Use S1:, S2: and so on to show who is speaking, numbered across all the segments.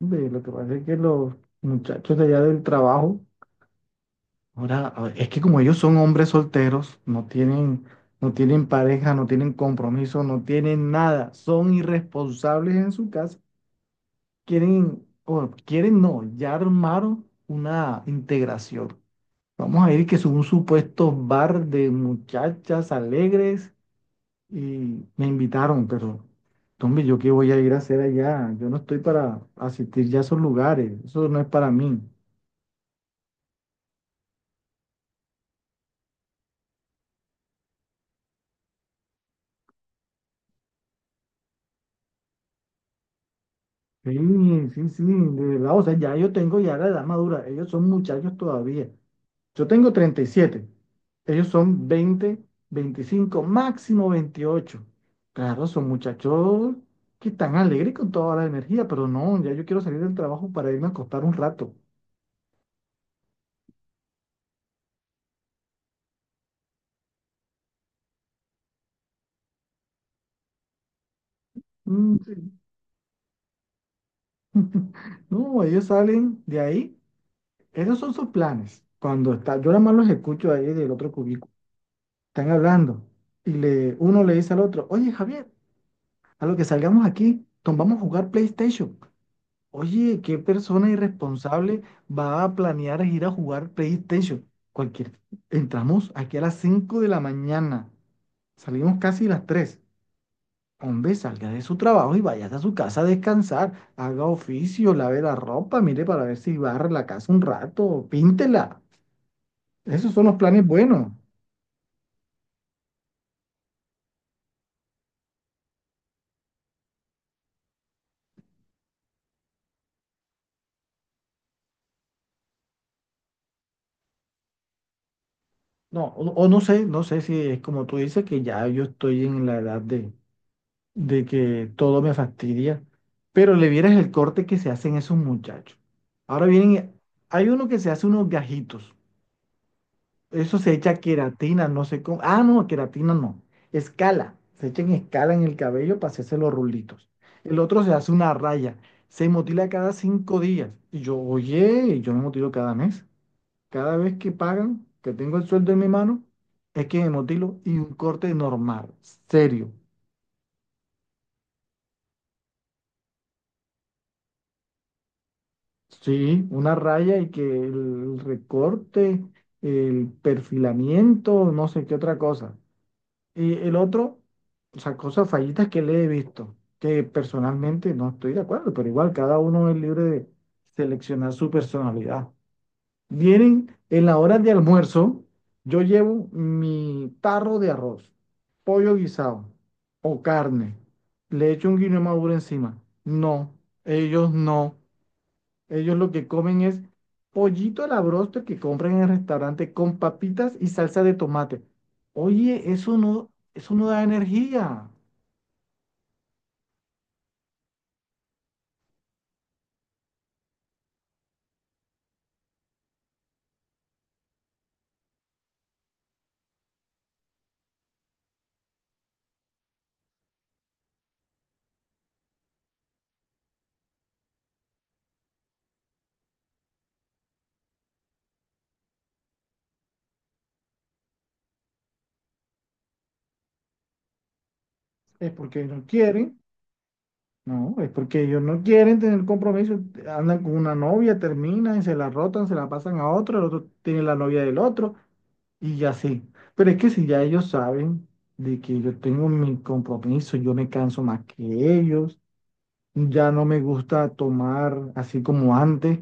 S1: Ve, lo que pasa es que los muchachos de allá del trabajo, ahora, a ver, es que como ellos son hombres solteros, no tienen pareja, no tienen compromiso, no tienen nada, son irresponsables en su casa, quieren, o quieren no, ya armaron una integración. Vamos a ir que es un supuesto bar de muchachas alegres y me invitaron, pero hombre, ¿yo qué voy a ir a hacer allá? Yo no estoy para asistir ya a esos lugares, eso no es para mí. Sí, sí, sí, de verdad, o sea, ya yo tengo ya la edad madura, ellos son muchachos todavía. Yo tengo 37. Ellos son 20, 25, máximo 28. Claro, son muchachos que están alegres con toda la energía, pero no, ya yo quiero salir del trabajo para irme a acostar un rato. Mm, sí. No, ellos salen de ahí, esos son sus planes. Cuando está, yo nada más los escucho ahí del otro cubículo, están hablando y le, uno le dice al otro, oye, Javier. A lo que salgamos aquí, Tom, vamos a jugar PlayStation. Oye, ¿qué persona irresponsable va a planear ir a jugar PlayStation? Cualquier. Entramos aquí a las 5 de la mañana. Salimos casi a las 3. Hombre, salga de su trabajo y vaya a su casa a descansar. Haga oficio, lave la ropa, mire para ver si barre la casa un rato, píntela. Esos son los planes buenos. No, o no sé, no sé si es como tú dices que ya yo estoy en la edad de que todo me fastidia, pero le vieras el corte que se hacen esos muchachos. Ahora vienen, hay uno que se hace unos gajitos, eso se echa queratina, no sé cómo, ah, no, queratina no, escala, se echa en escala en el cabello para hacerse los rulitos. El otro se hace una raya, se motila cada 5 días. Y yo, oye, yo me motilo cada mes, cada vez que pagan, que tengo el sueldo en mi mano, es que me motilo y un corte normal, serio. Sí, una raya y que el recorte, el perfilamiento, no sé qué otra cosa. Y el otro, o sea, cosas fallitas que le he visto, que personalmente no estoy de acuerdo, pero igual cada uno es libre de seleccionar su personalidad. Vienen en la hora de almuerzo, yo llevo mi tarro de arroz, pollo guisado o carne, le echo un guineo maduro encima. No, ellos no. Ellos lo que comen es pollito a la broster que compran en el restaurante con papitas y salsa de tomate. Oye, eso no da energía. Es porque no quieren, no, es porque ellos no quieren tener compromiso. Andan con una novia, terminan, y se la rotan, se la pasan a otro, el otro tiene la novia del otro y ya sí. Pero es que si ya ellos saben de que yo tengo mi compromiso, yo me canso más que ellos. Ya no me gusta tomar así como antes.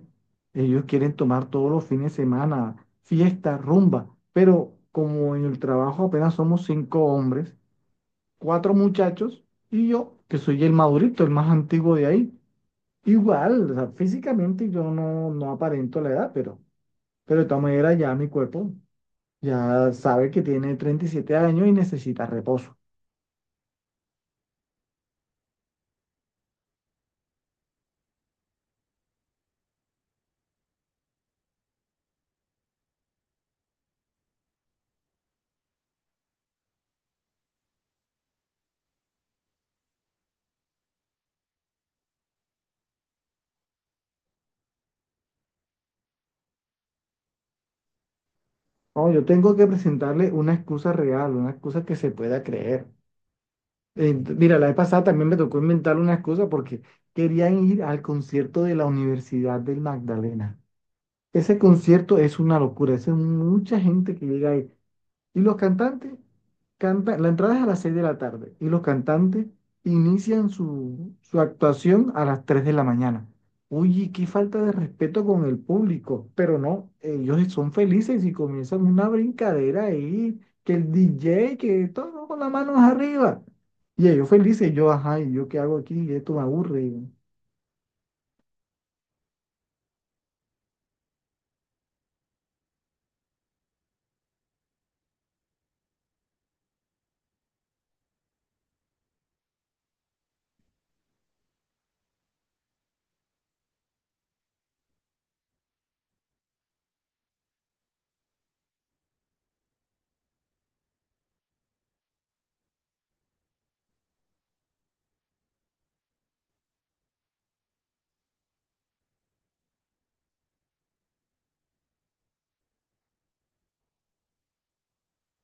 S1: Ellos quieren tomar todos los fines de semana, fiesta, rumba. Pero como en el trabajo apenas somos cinco hombres, cuatro muchachos y yo, que soy el madurito, el más antiguo de ahí. Igual, o sea, físicamente yo no, no aparento la edad, pero de todas maneras ya mi cuerpo ya sabe que tiene 37 años y necesita reposo. No, yo tengo que presentarle una excusa real, una excusa que se pueda creer. Mira, la vez pasada también me tocó inventar unas cosas porque querían ir al concierto de la Universidad del Magdalena. Ese concierto es una locura, es mucha gente que llega ahí. Y los cantantes cantan, la entrada es a las 6 de la tarde y los cantantes inician su actuación a las 3 de la mañana. Uy, qué falta de respeto con el público, pero no, ellos son felices y comienzan una brincadera ahí, que el DJ, que todo con las manos arriba. Y ellos felices, yo, ajá, ¿y yo qué hago aquí? Esto me aburre.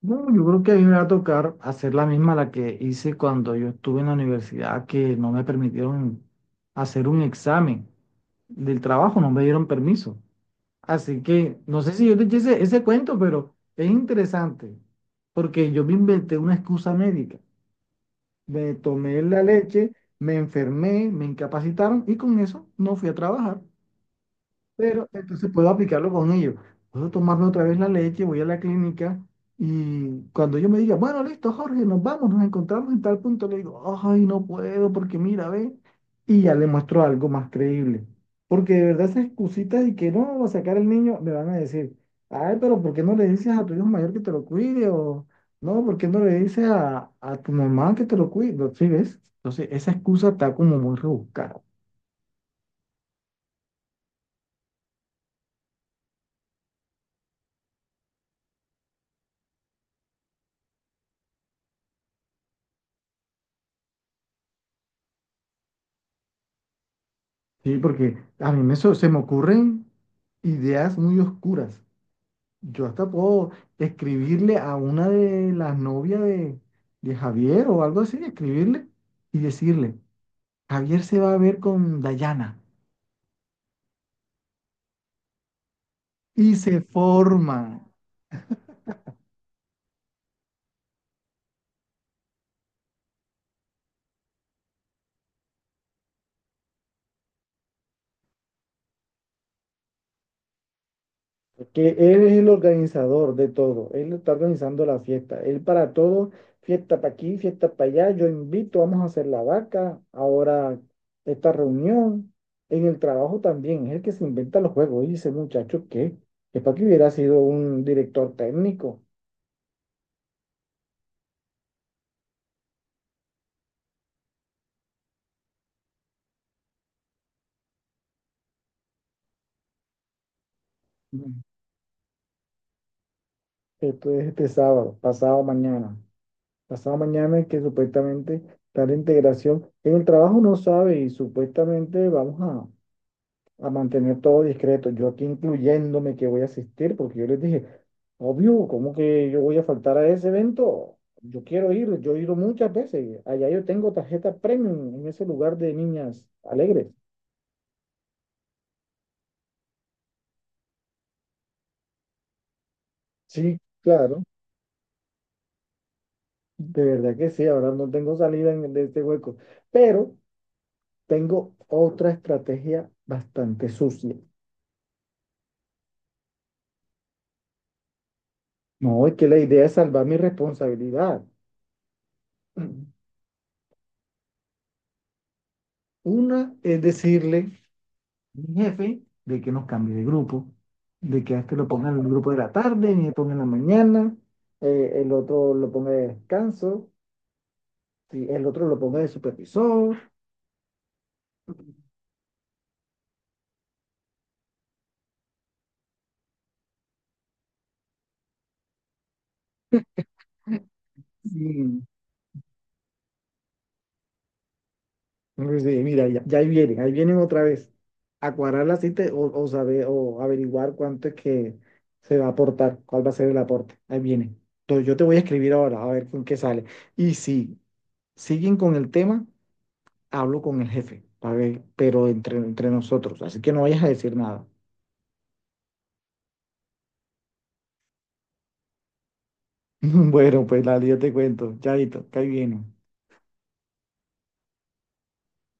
S1: No, yo creo que a mí me va a tocar hacer la misma la que hice cuando yo estuve en la universidad, que no me permitieron hacer un examen del trabajo, no me dieron permiso. Así que no sé si yo te eché ese cuento, pero es interesante, porque yo me inventé una excusa médica. Me tomé la leche, me enfermé, me incapacitaron y con eso no fui a trabajar. Pero entonces puedo aplicarlo con ellos. Puedo tomarme otra vez la leche, voy a la clínica y cuando yo me diga, bueno, listo, Jorge, nos vamos, nos encontramos en tal punto, le digo, ay, no puedo porque mira, ve, y ya le muestro algo más creíble. Porque de verdad esas excusitas de que no va a sacar el niño, me van a decir, ay, pero ¿por qué no le dices a tu hijo mayor que te lo cuide? O no, ¿por qué no le dices a tu mamá que te lo cuide? No, ¿sí ves? Entonces esa excusa está como muy rebuscada. Sí, porque a mí me, se me ocurren ideas muy oscuras. Yo hasta puedo escribirle a una de las novias de Javier o algo así, escribirle y decirle, Javier se va a ver con Dayana. Y se forma. Que él es el organizador de todo, él está organizando la fiesta, él para todo, fiesta para aquí, fiesta para allá, yo invito, vamos a hacer la vaca, ahora esta reunión, en el trabajo también, es el que se inventa los juegos, y dice muchacho que es para que hubiera sido un director técnico. Mm. Esto es este sábado, pasado mañana es que supuestamente está la integración, en el trabajo no sabe y supuestamente vamos a mantener todo discreto. Yo aquí incluyéndome que voy a asistir, porque yo les dije, obvio, ¿cómo que yo voy a faltar a ese evento? Yo quiero ir, yo he ido muchas veces. Allá yo tengo tarjeta premium en ese lugar de niñas alegres. Sí, claro, de verdad que sí, ahora no tengo salida de este hueco, pero tengo otra estrategia bastante sucia. No, es que la idea es salvar mi responsabilidad. Una es decirle mi jefe de que nos cambie de grupo, de que a este lo pongan en el grupo de la tarde, ni le ponga en la mañana, el otro lo ponga de descanso, sí, el otro lo ponga de supervisor. Sí, pues sí, mira, ya ahí vienen otra vez a cuadrar la cita o saber o averiguar cuánto es que se va a aportar, cuál va a ser el aporte. Ahí vienen. Entonces yo te voy a escribir ahora a ver con qué sale. Y si siguen con el tema, hablo con el jefe, para ver, pero entre nosotros, así que no vayas a decir nada. Bueno, pues Lali, yo te cuento. Chaito, que ahí viene.